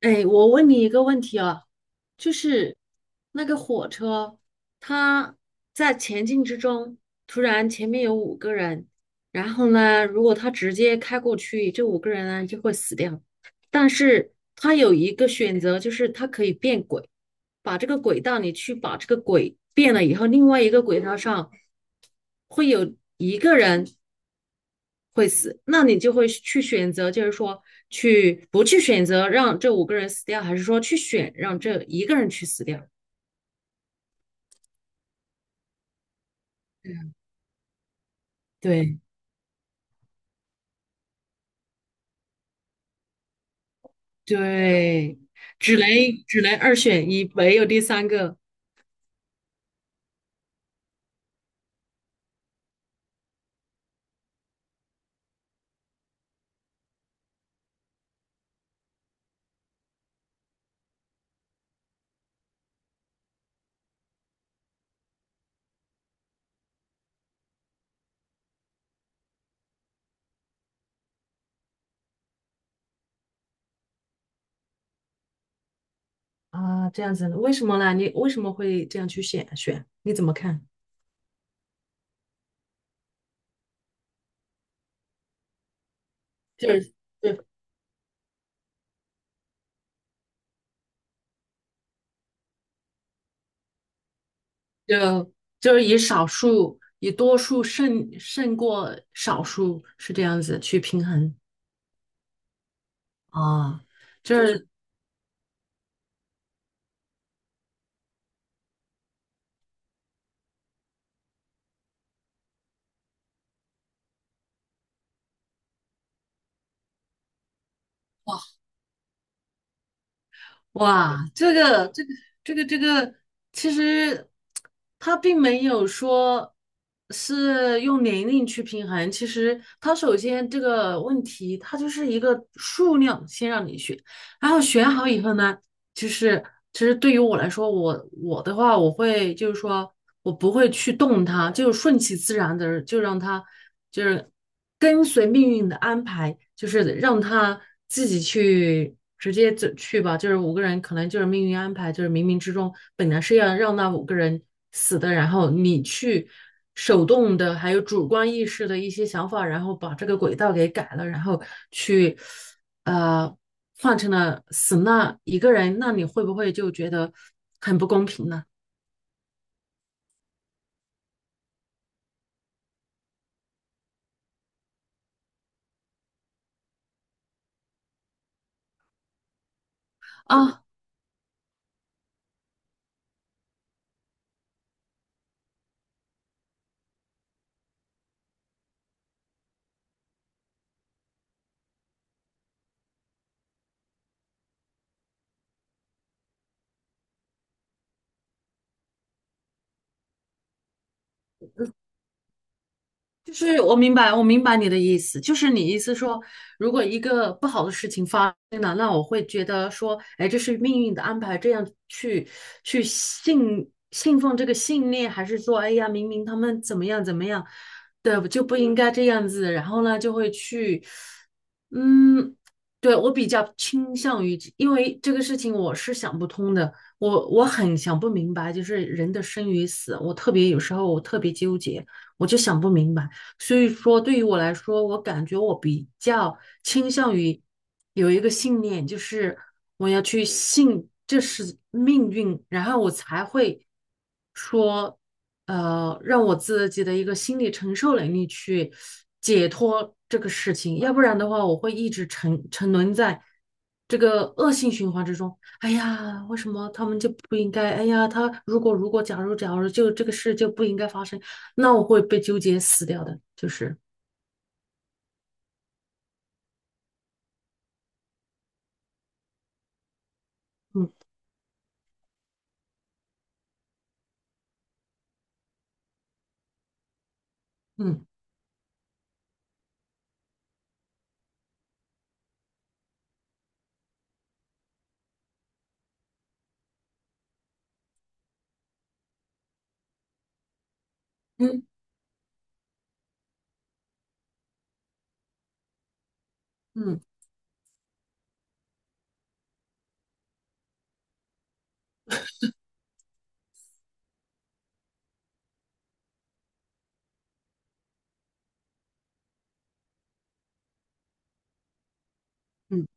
哎，我问你一个问题啊，就是那个火车，它在前进之中，突然前面有五个人，然后呢，如果他直接开过去，这五个人呢就会死掉。但是它有一个选择，就是它可以变轨，把这个轨道你去把这个轨变了以后，另外一个轨道上会有一个人，会死，那你就会去选择，就是说去不去选择让这五个人死掉，还是说去选让这一个人去死掉？对对，只能只能二选一，没有第三个。啊，这样子，为什么呢？你为什么会这样去选？你怎么看？就是就就就是以多数胜过少数，是这样子去平衡啊。就是哇，这个，其实他并没有说是用年龄去平衡，其实他首先这个问题，它就是一个数量先让你选，然后选好以后呢，就是其实对于我来说，我的话，我会就是说我不会去动它，就顺其自然的，就让它就是跟随命运的安排，就是让它自己去直接走去吧。就是五个人可能就是命运安排，就是冥冥之中本来是要让那5个人死的，然后你去。手动的，还有主观意识的一些想法，然后把这个轨道给改了，然后去呃换成了死那一个人，那你会不会就觉得很不公平呢？啊，就是我明白，我明白你的意思，就是你意思说，如果一个不好的事情发生了，那我会觉得说，哎，这是命运的安排，这样去信奉这个信念，还是说，哎呀，明明他们怎么样怎么样的，就不应该这样子，然后呢，就会去，嗯，对，我比较倾向于，因为这个事情我是想不通的，我很想不明白，就是人的生与死，我特别有时候我特别纠结，我就想不明白。所以说，对于我来说，我感觉我比较倾向于有一个信念，就是我要去信这是命运，然后我才会说，让我自己的一个心理承受能力去解脱这个事情，要不然的话，我会一直沉沦在这个恶性循环之中。哎呀，为什么他们就不应该？哎呀，他如果如果假如假如就这个事就不应该发生。那我会被纠结死掉的，就是嗯嗯嗯嗯嗯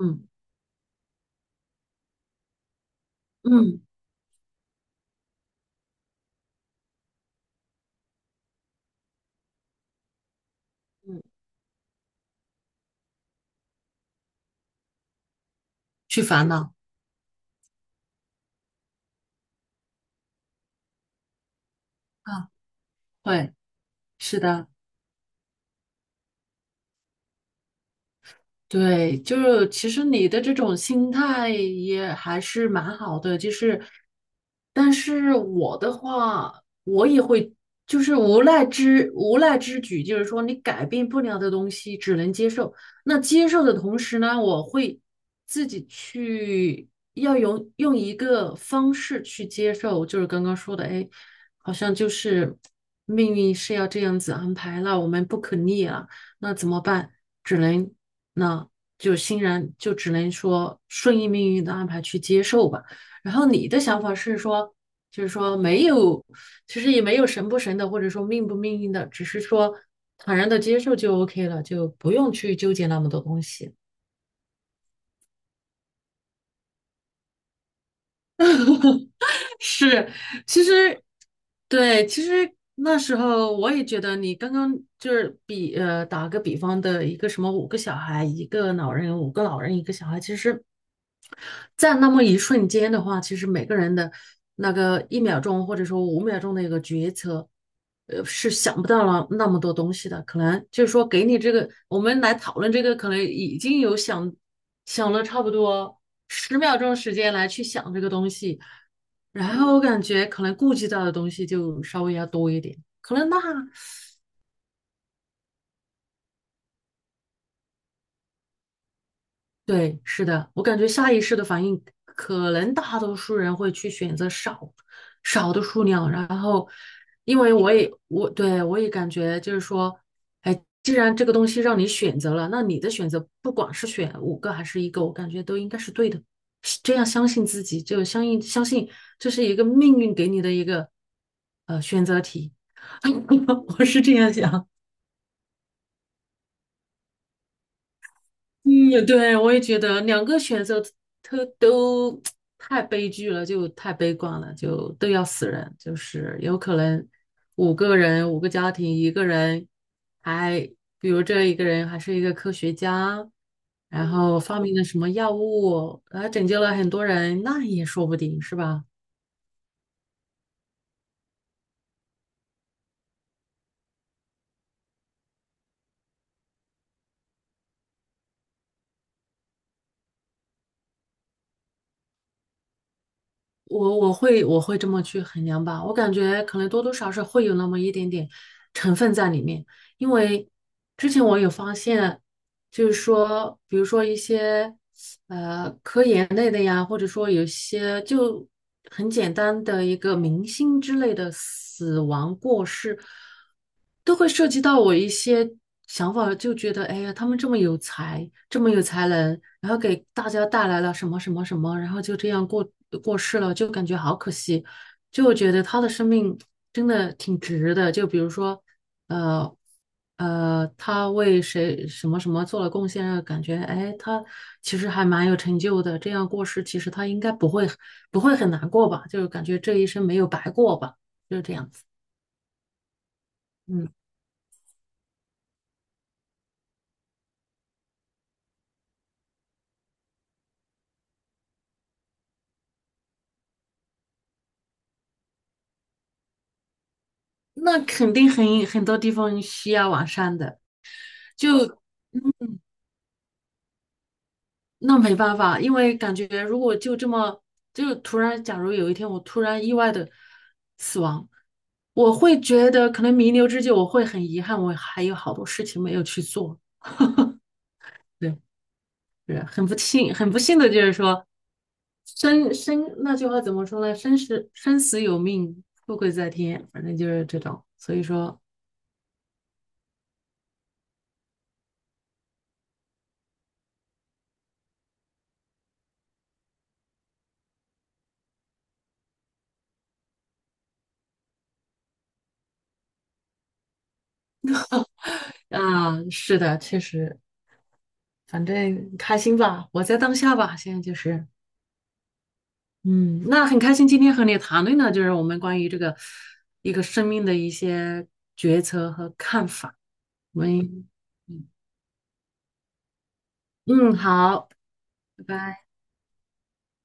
嗯嗯嗯，去烦恼啊，会是的。对，就是其实你的这种心态也还是蛮好的，就是，但是我的话，我也会就是无奈之举，就是说你改变不了的东西，只能接受。那接受的同时呢，我会自己去要用一个方式去接受，就是刚刚说的，哎，好像就是命运是要这样子安排了，我们不可逆了，那怎么办？只能。那就欣然就只能说顺应命运的安排去接受吧。然后你的想法是说，就是说没有，其实也没有神不神的，或者说命不命运的，只是说坦然的接受就 OK 了，就不用去纠结那么多东西。是，其实，对，其实那时候我也觉得你刚刚就是打个比方的一个什么5个小孩，一个老人，5个老人，一个小孩，其实，在那么一瞬间的话，其实每个人的那个1秒钟或者说5秒钟的一个决策，是想不到了那么多东西的。可能就是说给你这个，我们来讨论这个，可能已经有想了差不多10秒钟时间来去想这个东西。然后我感觉可能顾及到的东西就稍微要多一点，可能那，对，是的，我感觉下意识的反应，可能大多数人会去选择少的数量，然后，因为我也感觉就是说，哎，既然这个东西让你选择了，那你的选择不管是选五个还是一个，我感觉都应该是对的，是这样相信自己，就相信这是一个命运给你的一个选择题，我是这样想。嗯，对，我也觉得两个选择都太悲剧了，就太悲观了，就都要死人。就是有可能五个人，5个家庭，一个人还，比如这一个人还是一个科学家，然后发明了什么药物，还拯救了很多人，那也说不定是吧？我会这么去衡量吧，我感觉可能多多少少会有那么一点点成分在里面，因为之前我有发现，就是说，比如说一些。科研类的呀，或者说有些就很简单的一个明星之类的死亡过世，都会涉及到我一些想法，就觉得哎呀，他们这么有才，这么有才能，然后给大家带来了什么什么什么，然后就这样过过世了，就感觉好可惜，就觉得他的生命真的挺值的。就比如说。呃他为谁什么什么做了贡献，让感觉哎，他其实还蛮有成就的。这样过世，其实他应该不会很难过吧？就是感觉这一生没有白过吧，就是这样子。嗯，那肯定很多地方需要完善的，就那没办法，因为感觉如果就这么就突然，假如有一天我突然意外的死亡。我会觉得可能弥留之际，我会很遗憾，我还有好多事情没有去做。对，是很不幸，很不幸的就是说，那句话怎么说呢？生死有命，富贵在天，反正就是这种。所以说啊，是的，确实，反正开心吧，活在当下吧。现在就是，嗯，那很开心今天和你谈论的就是我们关于这个一个生命的一些决策和看法。我们嗯，嗯好，拜拜。